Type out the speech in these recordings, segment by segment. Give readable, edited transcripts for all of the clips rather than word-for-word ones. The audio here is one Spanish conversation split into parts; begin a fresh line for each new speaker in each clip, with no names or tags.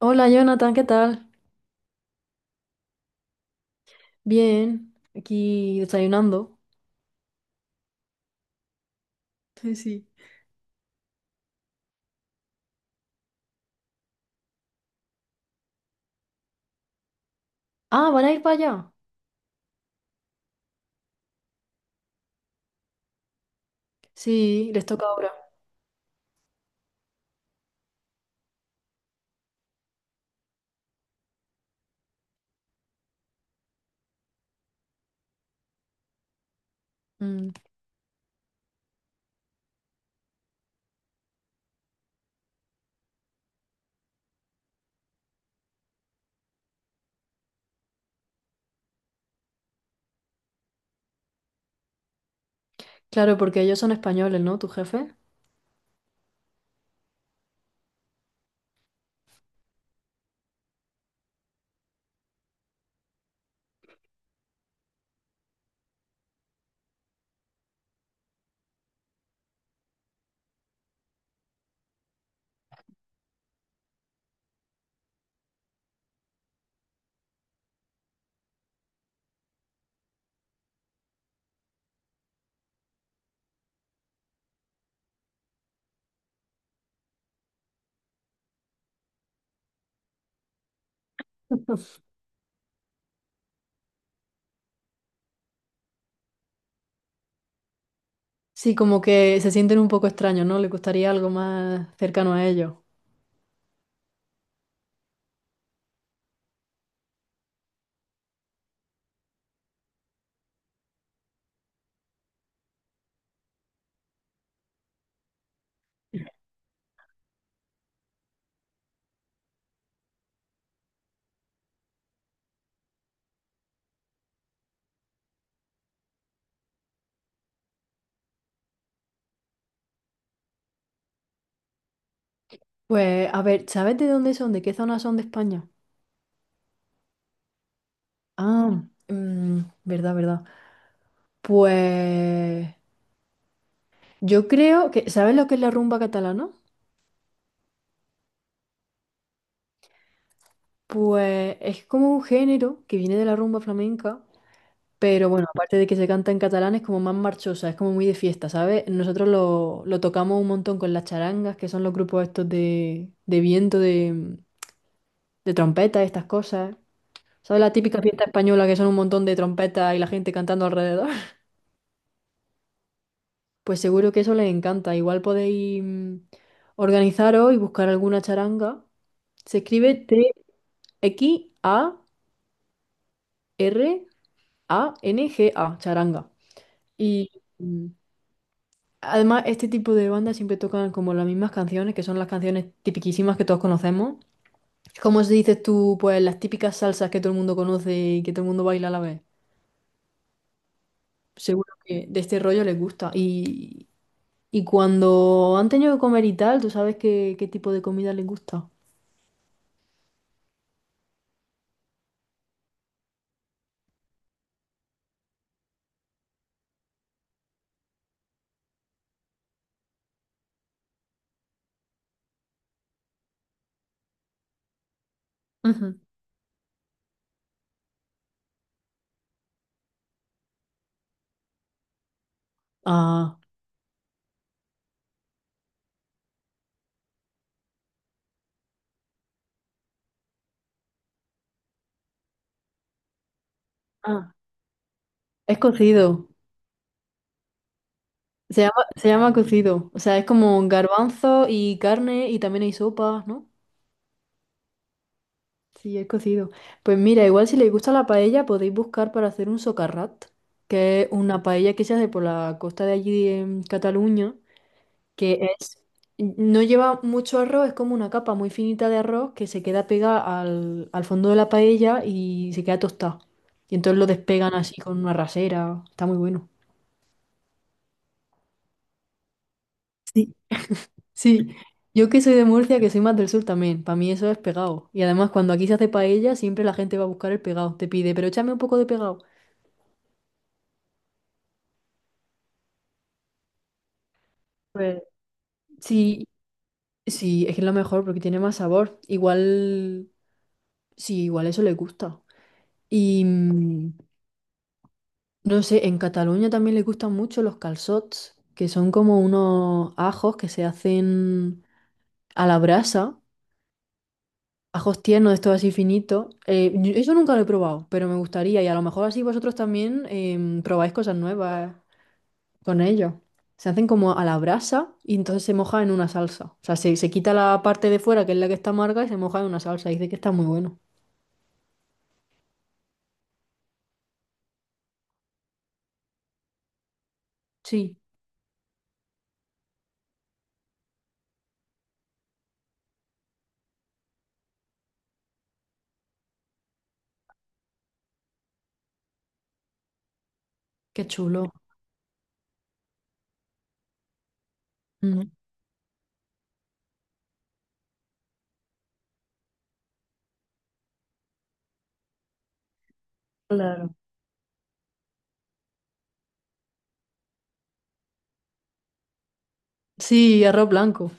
Hola Jonathan, ¿qué tal? Bien, aquí desayunando. Sí, sí. Ah, ¿van a ir para allá? Sí, les toca ahora. Mm. Claro, porque ellos son españoles, ¿no? ¿Tu jefe? Sí, como que se sienten un poco extraños, ¿no? Les gustaría algo más cercano a ellos. Pues, a ver, ¿sabes de dónde son? ¿De qué zona son de España? Ah, mm, verdad, verdad. Pues yo creo que, ¿sabes lo que es la rumba catalana? Pues es como un género que viene de la rumba flamenca. Pero bueno, aparte de que se canta en catalán, es como más marchosa, es como muy de fiesta, ¿sabes? Nosotros lo tocamos un montón con las charangas, que son los grupos estos de, viento, de trompeta, estas cosas. ¿Sabes la típica fiesta española que son un montón de trompetas y la gente cantando alrededor? Pues seguro que eso les encanta. Igual podéis organizaros y buscar alguna charanga. Se escribe Txaranga, charanga. Y, mm, además, este tipo de bandas siempre tocan como las mismas canciones, que son las canciones tipiquísimas que todos conocemos. ¿Cómo se dices tú, pues las típicas salsas que todo el mundo conoce y que todo el mundo baila a la vez? Seguro que de este rollo les gusta. Y cuando han tenido que comer y tal, ¿tú sabes qué tipo de comida les gusta? Ujú. Ah, ah, es cocido. Se llama cocido. O sea, es como garbanzo y carne y también hay sopas, ¿no? Sí, es cocido. Pues mira, igual si les gusta la paella, podéis buscar para hacer un socarrat, que es una paella que se hace por la costa de allí en Cataluña, que es, no lleva mucho arroz, es como una capa muy finita de arroz que se queda pegada al fondo de la paella y se queda tostada. Y entonces lo despegan así con una rasera. Está muy bueno. Sí. Sí. Yo que soy de Murcia, que soy más del sur también, para mí eso es pegado. Y además cuando aquí se hace paella, siempre la gente va a buscar el pegado. Te pide, pero échame un poco de pegado. Sí, sí, es que es lo mejor porque tiene más sabor. Igual, sí, igual eso le gusta. Y no sé, en Cataluña también les gustan mucho los calçots, que son como unos ajos que se hacen a la brasa, ajos tiernos, estos así finitos. Eso nunca lo he probado, pero me gustaría y a lo mejor así vosotros también probáis cosas nuevas con ellos. Se hacen como a la brasa y entonces se moja en una salsa. O sea, se quita la parte de fuera, que es la que está amarga, y se moja en una salsa. Dice que está muy bueno. Sí, qué chulo. Mm, claro. Sí, arroz blanco.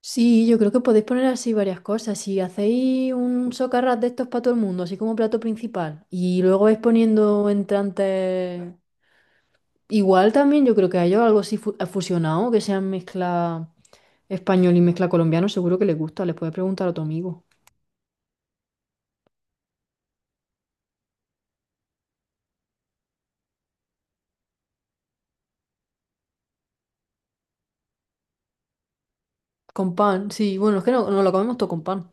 Sí, yo creo que podéis poner así varias cosas. Si hacéis un socarrat de estos para todo el mundo, así como plato principal, y luego vais poniendo entrantes, igual también yo creo que a ellos algo así fusionado, que sean mezcla español y mezcla colombiano, seguro que les gusta. Les puedes preguntar a tu amigo. Con pan, sí. Bueno, es que no, no lo comemos todo con pan.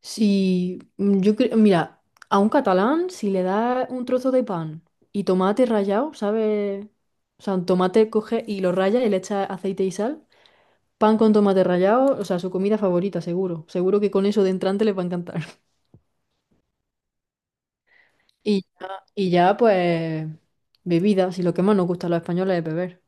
Sí, yo creo, mira, a un catalán, si le das un trozo de pan y tomate rallado, ¿sabes? O sea, un tomate coge y lo raya y le echa aceite y sal. Pan con tomate rallado, o sea, su comida favorita, seguro. Seguro que con eso de entrante les va a encantar. Y ya, y ya, pues, bebida, si lo que más nos gusta a los españoles es beber.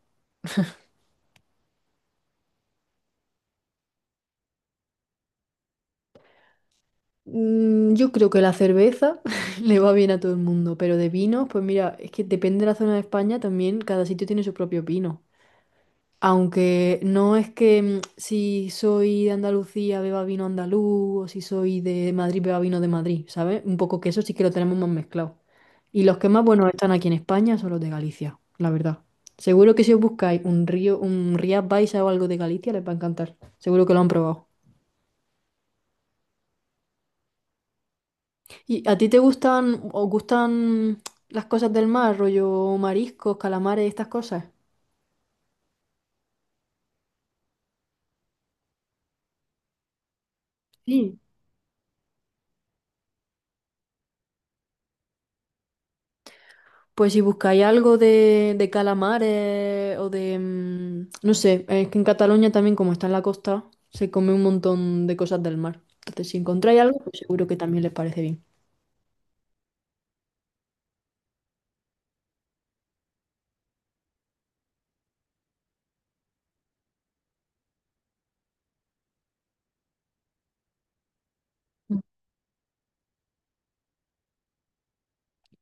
Yo creo que la cerveza le va bien a todo el mundo, pero de vinos, pues mira, es que depende de la zona de España también, cada sitio tiene su propio vino. Aunque no es que si soy de Andalucía beba vino andaluz o si soy de Madrid beba vino de Madrid, ¿sabes? Un poco que eso sí que lo tenemos más mezclado. Y los que más buenos están aquí en España son los de Galicia, la verdad. Seguro que si os buscáis un Rías Baixas o algo de Galicia les va a encantar. Seguro que lo han probado. ¿Y a ti te gustan o gustan las cosas del mar, rollo mariscos, calamares, estas cosas? Sí. Pues si buscáis algo de calamares o no sé, es que en Cataluña también, como está en la costa, se come un montón de cosas del mar. Entonces, si encontráis algo, pues seguro que también les parece bien. Mm.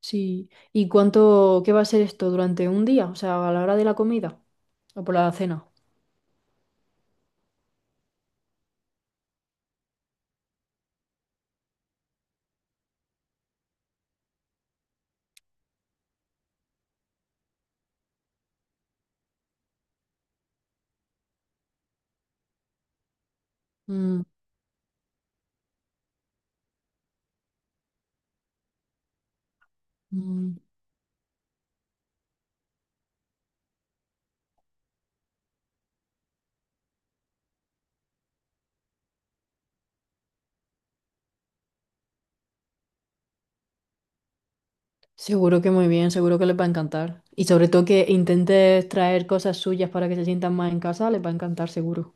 Sí. ¿Y cuánto, qué va a ser esto durante un día? O sea, a la hora de la comida o por la cena. Mm, mm. Seguro que muy bien, seguro que les va a encantar. Y sobre todo que intentes traer cosas suyas para que se sientan más en casa, les va a encantar, seguro.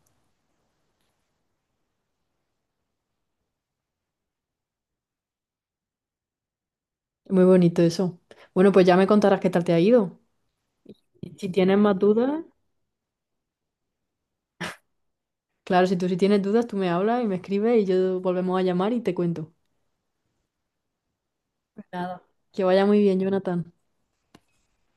Muy bonito eso. Bueno, pues ya me contarás qué tal te ha ido. Y si tienes más dudas, claro, si tienes dudas, tú me hablas y me escribes y yo volvemos a llamar y te cuento. Nada. Que vaya muy bien, Jonathan.